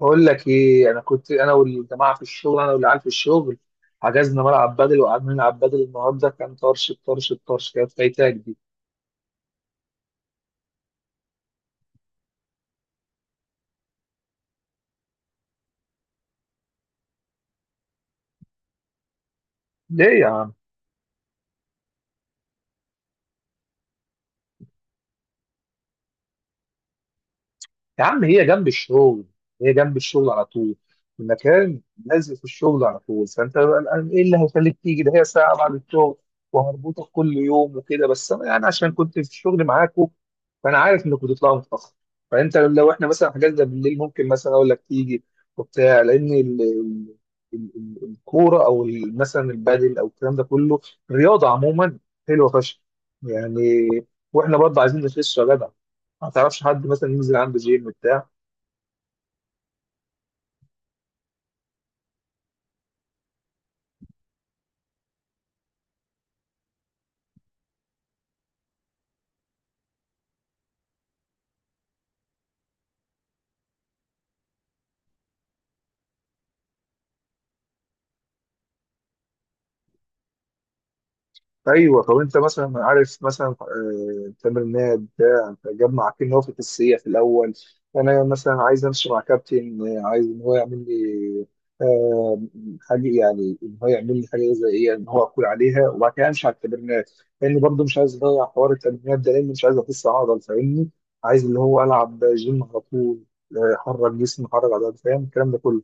بقول لك ايه، انا كنت انا والجماعه في الشغل، انا والعيال في الشغل حجزنا ملعب بدل وقعدنا نلعب بدل. النهارده كان طرش الطرش كانت فايتاك دي. ليه يا عم؟ يا عم هي جنب الشغل، هي جنب الشغل على طول. المكان لازق في الشغل على طول، فانت بقى الآن ايه اللي هيخليك تيجي؟ ده هي ساعه بعد الشغل وهربطك كل يوم وكده. بس انا يعني عشان كنت في الشغل معاكم فانا عارف انك بتطلعوا متاخر، فانت لو احنا مثلا حجزنا بالليل ممكن مثلا اقول لك تيجي وبتاع، لان الكوره او مثلا البادل او الكلام ده كله، رياضه عموما حلوه فشخ يعني. واحنا برضه عايزين نخس يا جدع، ما تعرفش حد مثلا ينزل عنده جيم بتاع؟ ايوه، طب انت مثلا عارف مثلا تمرينات بتاع تجمع كل هو في التسلية في الاول؟ انا مثلا عايز امشي مع كابتن، عايز ان هو يعمل لي آه، حاجه، يعني ان هو يعمل لي حاجه زي ايه ان هو اكل عليها وبعد كده امشي على التمرينات، لان برضه مش عايز اضيع حوار التمرينات ده لان مش عايز اخس عضل، فاهمني؟ عايز اللي هو العب جيم على طول، احرك جسمي، احرك عضلات، فاهم الكلام ده كله.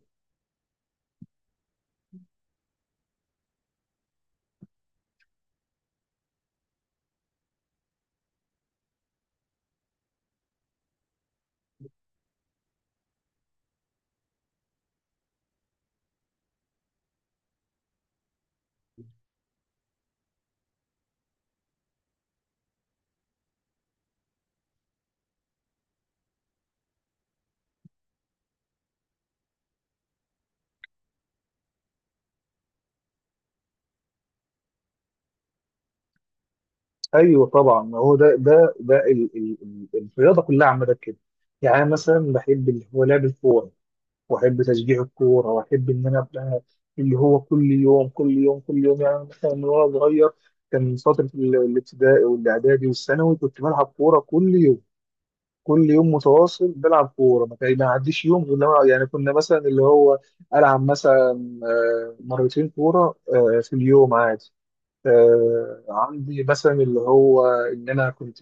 ايوه طبعا، ما هو ده ده ال الرياضه كلها عامه كده. يعني أنا مثلا بحب اللي هو لعب الكوره، واحب تشجيع الكوره، واحب ان انا ابقى اللي هو كل يوم كل يوم. يعني أنا مثلا من وانا صغير كان فتره الابتدائي والاعدادي والثانوي كنت بلعب كوره كل يوم، كل يوم متواصل بلعب كوره، ما كان ما عديش يوم غير لما يعني كنا مثلا اللي هو العب مثلا مرتين كوره في اليوم عادي. عندي مثلا اللي هو ان انا كنت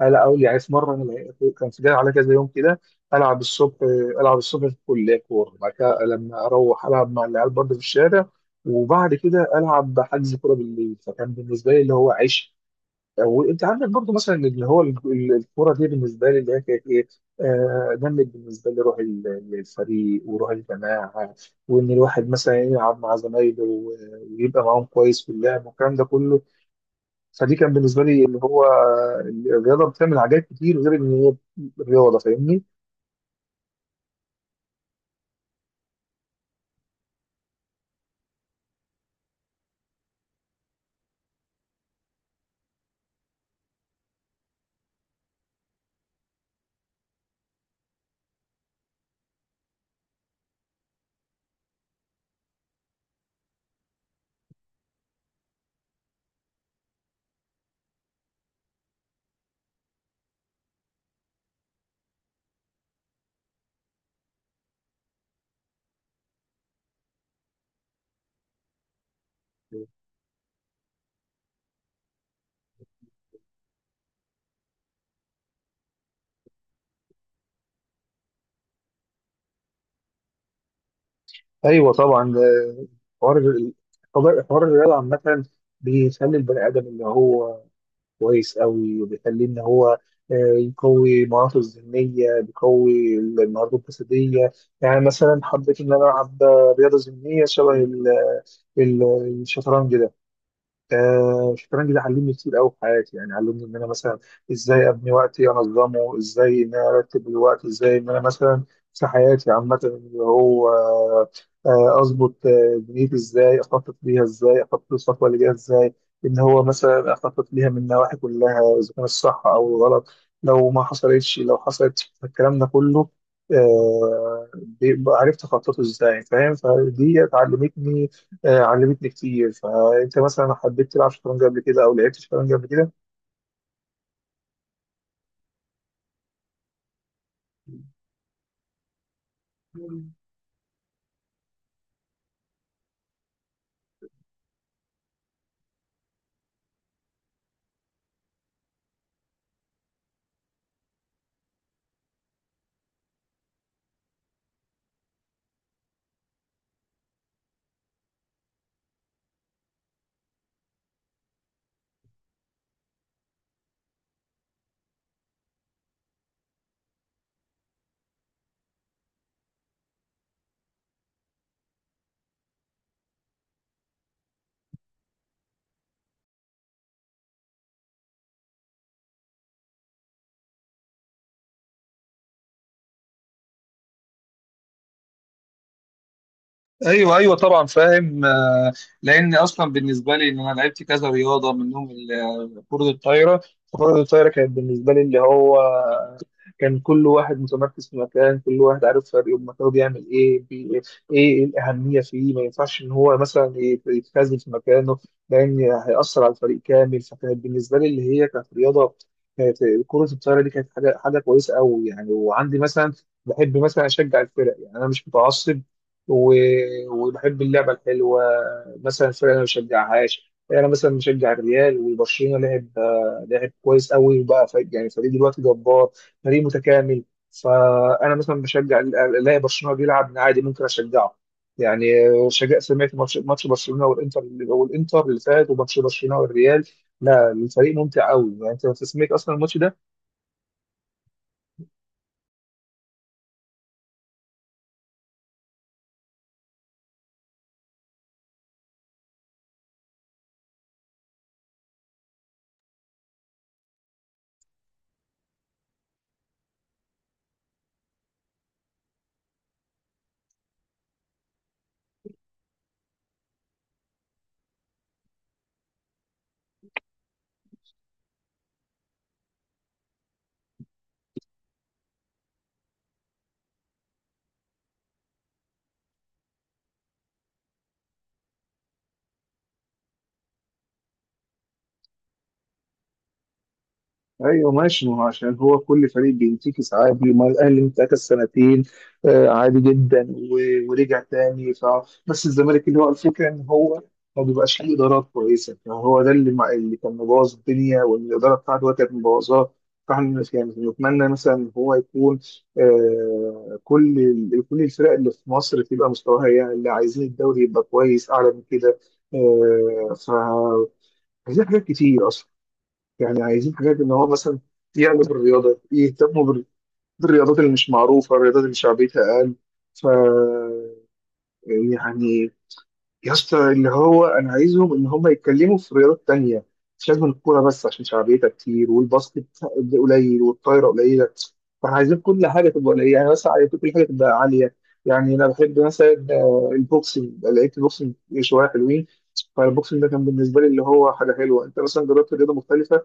انا اول، يعني في مره انا كان في جاي على كذا يوم كده، العب الصبح، العب الصبح في الكليه كوره، بعد كده لما اروح العب مع العيال برضه في الشارع، وبعد كده العب حجز كوره بالليل. فكان بالنسبه لي اللي هو عيش. وانت عندك برضو مثلا اللي هو الكوره دي بالنسبه لي اللي هي كانت ايه، نمت بالنسبه لي روح الفريق وروح الجماعه، وان الواحد مثلا يلعب مع زمايله ويبقى معاهم كويس في اللعب والكلام ده كله. فدي كان بالنسبه لي اللي هو الرياضه بتعمل حاجات كتير غير ان هي رياضه، فاهمني؟ ايوه طبعا، حوار حوار الرياضه عامه بيخلي البني ادم اللي هو كويس قوي، وبيخليه ان هو يقوي مهاراته الذهنيه، بيقوي المهارات الجسديه. يعني مثلا حبيت ان انا العب رياضه ذهنيه شبه ال- الشطرنج ده. الشطرنج ده علمني كتير قوي في حياتي، يعني علمني ان انا مثلا ازاي ابني وقتي، انظمه ازاي، ان انا ارتب الوقت ازاي، ان انا مثلا في حياتي عامه اللي هو اظبط دنيتي ازاي، اخطط ليها ازاي، اخطط للخطوه اللي جايه ازاي، ان هو مثلا اخطط ليها من النواحي كلها اذا كان الصح او الغلط، لو ما حصلتش لو حصلت الكلام ده كله، بيبقى عرفت اخططه ازاي، فاهم؟ فدي علمتني، علمتني كتير. فانت مثلا حبيت تلعب شطرنج قبل كده، او لعبت شطرنج قبل كده؟ ايوه ايوه طبعا فاهم. لان اصلا بالنسبه لي ان انا لعبت كذا رياضه منهم كره الطايره. كره الطايره كانت بالنسبه لي اللي هو كان كل واحد متمركز في مكان، كل واحد عارف فريقه بمكانه بيعمل ايه بي ايه، إيه الاهميه فيه، ما ينفعش ان هو مثلا يتخاذل في مكانه لان هيأثر على الفريق كامل. فكانت بالنسبه لي اللي هي كانت رياضه، كانت كره الطايره دي كانت حاجه كويسه قوي يعني. وعندي مثلا بحب مثلا اشجع الفرق، يعني انا مش متعصب و... وبحب اللعبه الحلوه. مثلا الفرق انا ما بشجعهاش، انا مثلا مشجع الريال وبرشلونه، لعب لعب كويس قوي وبقى فريق، يعني فريق دلوقتي جبار، فريق متكامل. فانا مثلا بشجع الاقي برشلونه بيلعب عادي ممكن اشجعه يعني. شجع، سمعت ماتش برشلونه والانتر، والانتر اللي فات، وماتش برشلونه والريال، لا الفريق ممتع قوي. يعني انت لو سمعت اصلا الماتش ده. ايوه ماشي، ما هو عشان هو كل فريق بينتكس عادي، ما الاهلي انتكس سنتين عادي جدا ورجع تاني. بس الزمالك اللي هو الفكره ان هو ما بيبقاش ليه ادارات كويسه، فهو ده اللي اللي كان مبوظ الدنيا، والاداره بتاعته هو كانت مبوظاه. فاحنا يعني نتمنى مثلا ان هو يكون آه، كل كل الفرق اللي في مصر تبقى مستواها، يعني اللي عايزين الدوري يبقى كويس اعلى من كده. آه ف، عايزين حاجات كتير اصلا، يعني عايزين حاجات ان هو مثلا يعلم الرياضه، يهتموا بالرياضات اللي مش معروفه، الرياضات اللي شعبيتها اقل. ف يعني يا اسطى، اللي هو انا عايزهم ان هم يتكلموا في رياضات تانية، مش لازم الكوره بس عشان شعبيتها كتير، والباسكت قليل والطايره قليله. فاحنا عايزين كل حاجه تبقى قليله، يعني مثلا عايزين كل حاجه تبقى عاليه. يعني انا بحب مثلا البوكسنج، لقيت البوكسنج شويه حلوين. فالبوكسنج ده كان بالنسبه لي اللي هو حاجه حلوه. انت مثلا جربت رياضه مختلفه؟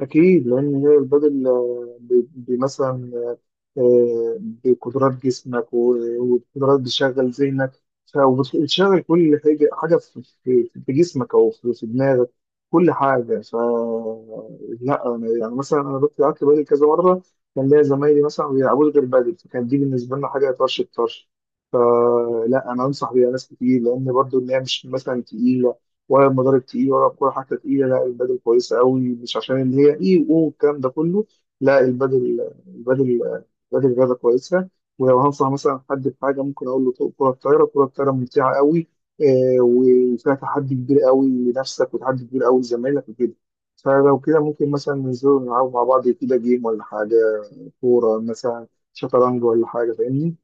أكيد، لأن هي البدل آه، بي بي مثلا آه، بقدرات جسمك وقدرات بتشغل ذهنك، وبتشغل كل حاجة حاجة في في جسمك أو في في دماغك، كل حاجة ف. لا أنا يعني مثلا أنا رحت لعبت بدل كذا مرة، كان ليا زمايلي مثلا ما بيلعبوش غير بدل، فكان دي بالنسبة لنا حاجة طرش الطرش. فلا أنا أنصح بيها ناس كتير لأن برضو إن هي مش مثلا تقيلة، ولا المضارب تقيل، ولا الكورة حتى تقيلة، لا البدل كويسة قوي، مش عشان إن هي إيه والكلام ده كله. لا البدل، البدل راجل رياضة كويسة. ولو هنصح مثلا حد بحاجة ممكن أقول له طوق كرة الطايرة، كرة الطايرة ممتعة قوي، وفيها تحدي كبير قوي لنفسك وتحدي كبير قوي لزمايلك وكده. فلو كده ممكن مثلا ننزل نلعب مع بعض كده، جيم ولا حاجة، كورة مثلا، شطرنج ولا حاجة، فاهمني؟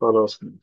خلاص.